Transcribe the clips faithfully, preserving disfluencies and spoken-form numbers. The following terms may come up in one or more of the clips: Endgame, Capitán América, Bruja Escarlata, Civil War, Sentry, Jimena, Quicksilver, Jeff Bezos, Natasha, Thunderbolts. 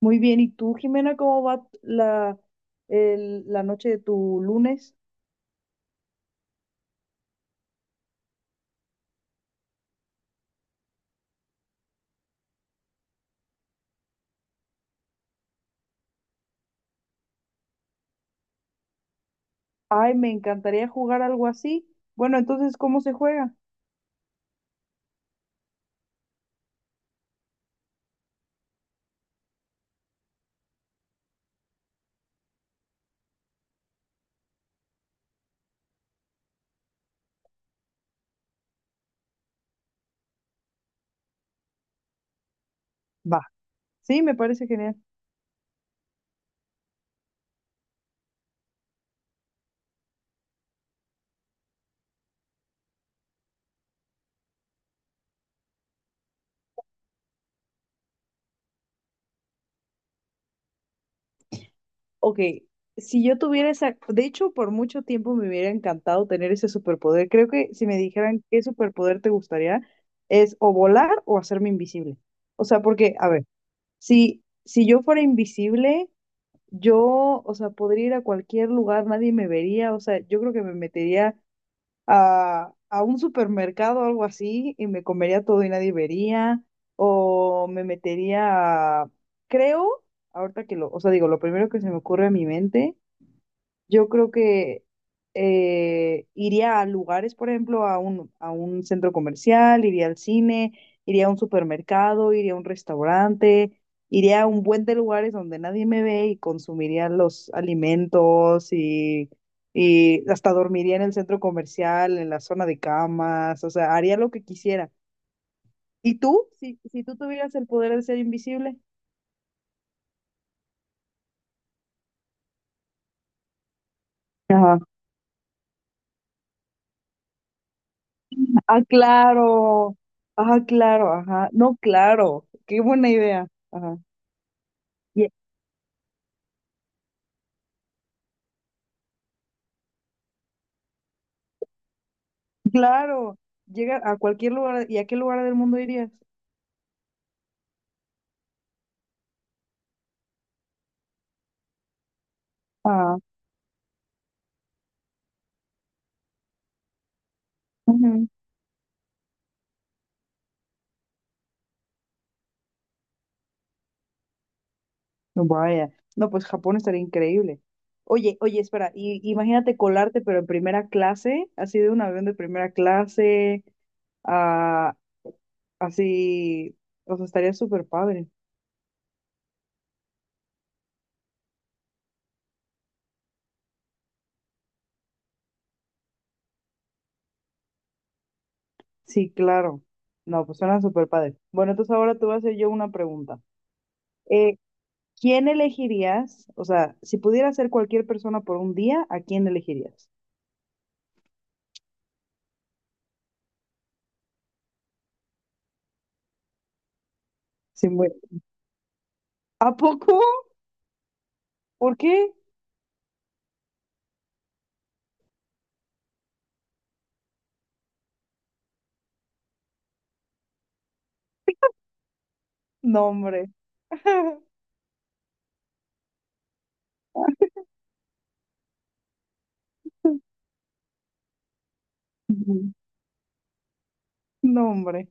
Muy bien, ¿y tú, Jimena, cómo va la, el- la noche de tu lunes? Ay, me encantaría jugar algo así. Bueno, entonces, ¿cómo se juega? Va. Sí, me parece genial. Ok, si yo tuviera esa, de hecho, por mucho tiempo me hubiera encantado tener ese superpoder. Creo que si me dijeran qué superpoder te gustaría, es o volar o hacerme invisible. O sea, porque, a ver, si, si yo fuera invisible, yo, o sea, podría ir a cualquier lugar, nadie me vería, o sea, yo creo que me metería a, a un supermercado o algo así y me comería todo y nadie vería, o me metería, a- creo, ahorita que lo, o sea, digo, lo primero que se me ocurre a mi mente yo creo que eh, iría a lugares, por ejemplo, a un, a un centro comercial, iría al cine, iría a un supermercado, iría a un restaurante, iría a un buen de lugares donde nadie me ve y consumiría los alimentos y, y hasta dormiría en el centro comercial, en la zona de camas, o sea, haría lo que quisiera. ¿Y tú? Si, si tú tuvieras el poder de ser invisible. Ajá. Ah, claro. Ah, claro, ajá. No, claro. Qué buena idea. Ajá. Ye- Claro. Llega a cualquier lugar. ¿Y a qué lugar del mundo irías? Ah, ujú. No, vaya. No, pues Japón estaría increíble. Oye, oye, espera, y, imagínate colarte, pero en primera clase, así de un avión de primera clase, ah, así, o sea, estaría súper padre. Sí, claro. No, pues suena súper padre. Bueno, entonces ahora te voy a hacer yo una pregunta. Eh, ¿Quién elegirías? O sea, si pudieras ser cualquier persona por un día, ¿a quién elegirías? Sin ver- ¿A poco? ¿Por qué? No, hombre. Ujú. No, hombre.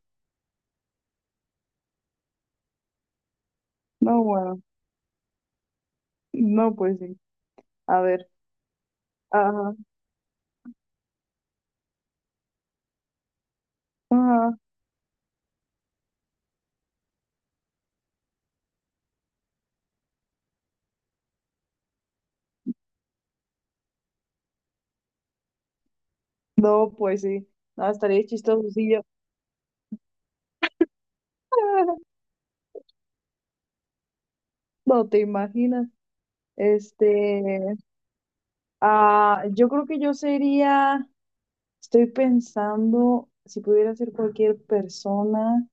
No, bueno. No, pues sí. A ver. Ajá. Ajá. No, pues sí. No, estaría chistoso si yo. No te imaginas. Este. Ah, yo creo que yo sería. Estoy pensando si pudiera ser cualquier persona.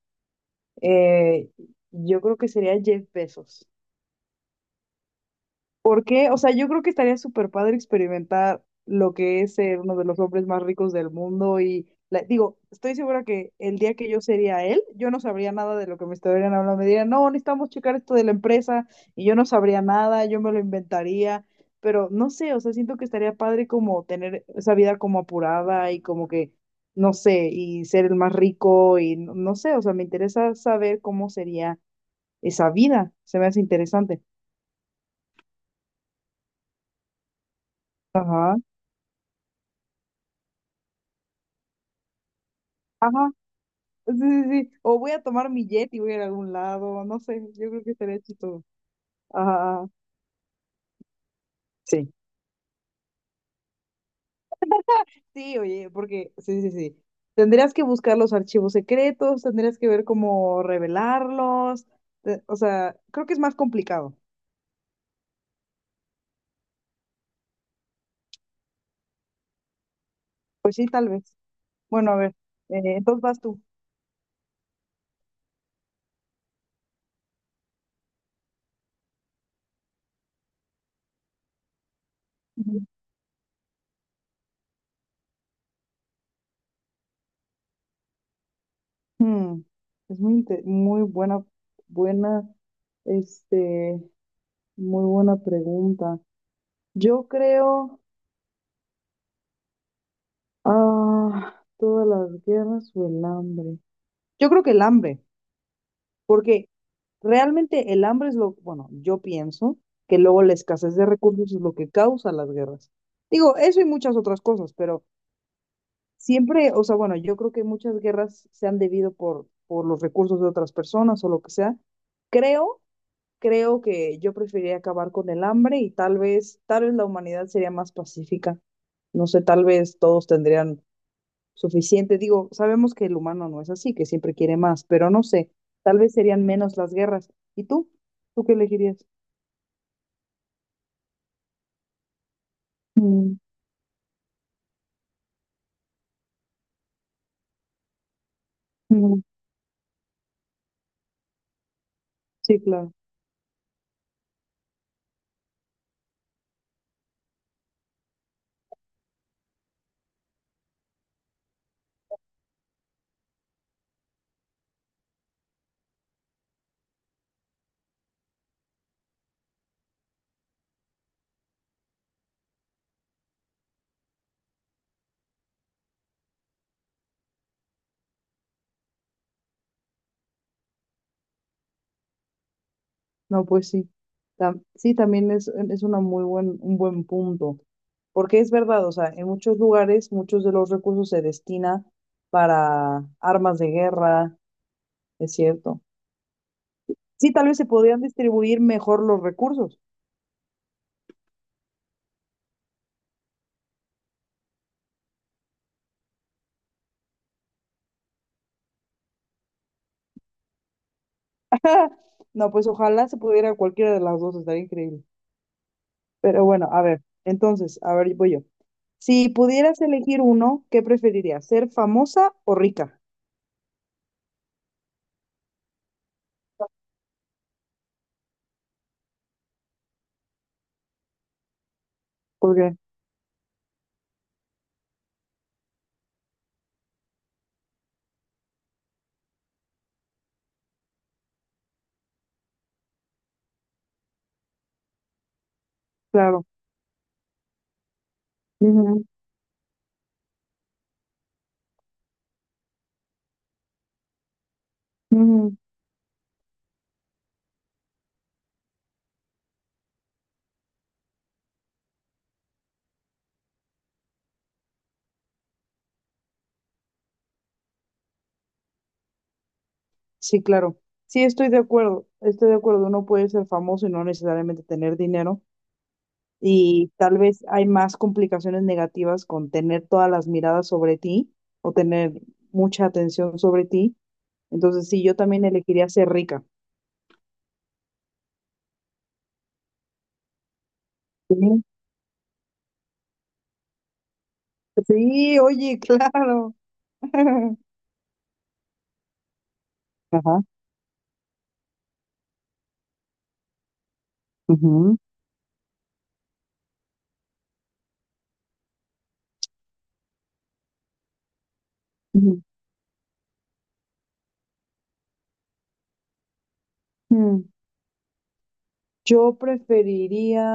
Eh, yo creo que sería Jeff Bezos. ¿Por qué? O sea, yo creo que estaría súper padre experimentar lo que es ser uno de los hombres más ricos del mundo y la- digo, estoy segura que el día que yo sería él, yo no sabría nada de lo que me estarían hablando. Me dirían, no, necesitamos checar esto de la empresa y yo no sabría nada, yo me lo inventaría, pero no sé, o sea, siento que estaría padre como tener esa vida como apurada y como que, no sé, y ser el más rico y no no sé, o sea, me interesa saber cómo sería esa vida, se me hace interesante. Ajá. Sí, sí, sí. O voy a tomar mi jet y voy a ir a algún lado. No sé, yo creo que estaría chistoso. Ajá. Sí. Sí, oye, porque, sí, sí, sí. Tendrías que buscar los archivos secretos, tendrías que ver cómo revelarlos. te- O sea, creo que es más complicado. Pues sí, tal vez. Bueno, a ver, eh, entonces vas tú. Ujú. Mm, es muy, inte- muy buena, buena, este, muy buena pregunta. Yo creo. Ah, todas las guerras o el hambre. Yo creo que el hambre, porque realmente el hambre es lo, bueno, yo pienso que luego la escasez de recursos es lo que causa las guerras. Digo, eso y muchas otras cosas, pero siempre, o sea, bueno, yo creo que muchas guerras se han debido por, por los recursos de otras personas o lo que sea. Creo, creo que yo preferiría acabar con el hambre y tal vez, tal vez la humanidad sería más pacífica. No sé, tal vez todos tendrían suficiente. Digo, sabemos que el humano no es así, que siempre quiere más, pero no sé, tal vez serían menos las guerras. ¿Y tú? ¿Tú qué elegirías? Mm, mm. Sí, claro. No, pues sí. Tam- sí, también es, es una muy buen, un buen punto. Porque es verdad, o sea, en muchos lugares muchos de los recursos se destina para armas de guerra, es cierto. Sí, tal vez se podrían distribuir mejor los recursos. No, pues ojalá se pudiera cualquiera de las dos, estaría increíble. Pero bueno, a ver, entonces, a ver, voy yo. Si pudieras elegir uno, ¿qué preferirías? ¿Ser famosa o rica? Porque, claro. Ujú, ujú. Sí, claro. Sí, estoy de acuerdo. Estoy de acuerdo. Uno puede ser famoso y no necesariamente tener dinero. Y tal vez hay más complicaciones negativas con tener todas las miradas sobre ti o tener mucha atención sobre ti. Entonces, sí, yo también elegiría ser rica. Sí, sí, oye, claro. Ajá. Ujú. Ujú. Mm, Yo preferiría,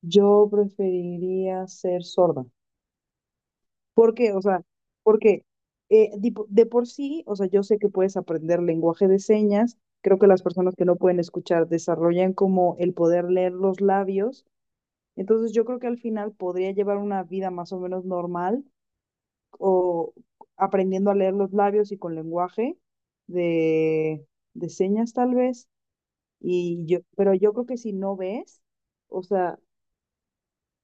yo preferiría ser sorda. ¿Por qué? O sea, porque eh, di- de, por sí, o sea, yo sé que puedes aprender lenguaje de señas. Creo que las personas que no pueden escuchar desarrollan como el poder leer los labios. Entonces yo creo que al final podría llevar una vida más o menos normal o aprendiendo a leer los labios y con lenguaje de, de señas tal vez. Y yo, pero yo creo que si no ves, o sea,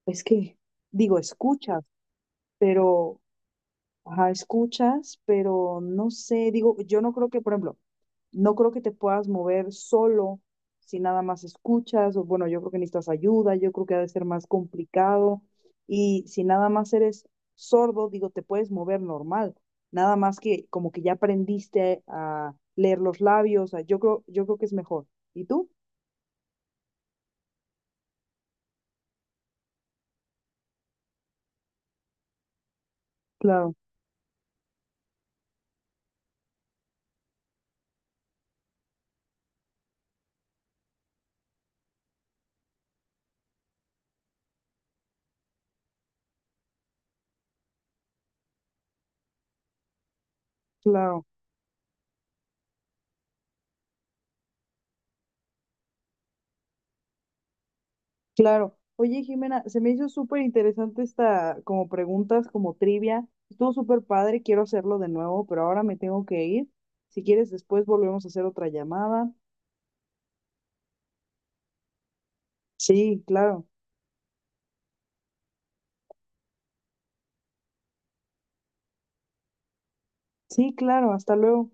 es que, digo, escuchas, pero, ajá, escuchas, pero no sé, digo, yo no creo que, por ejemplo, no creo que te puedas mover solo si nada más escuchas, o bueno, yo creo que necesitas ayuda, yo creo que ha de ser más complicado, y si nada más eres sordo, digo, te puedes mover normal, nada más que como que ya aprendiste a leer los labios, o sea, yo creo, yo creo que es mejor. ¿Y tú? Claro, claro. Claro. Oye, Jimena, se me hizo súper interesante esta, como preguntas, como trivia. Estuvo súper padre, quiero hacerlo de nuevo, pero ahora me tengo que ir. Si quieres, después volvemos a hacer otra llamada. Sí, claro. Sí, claro. Hasta luego.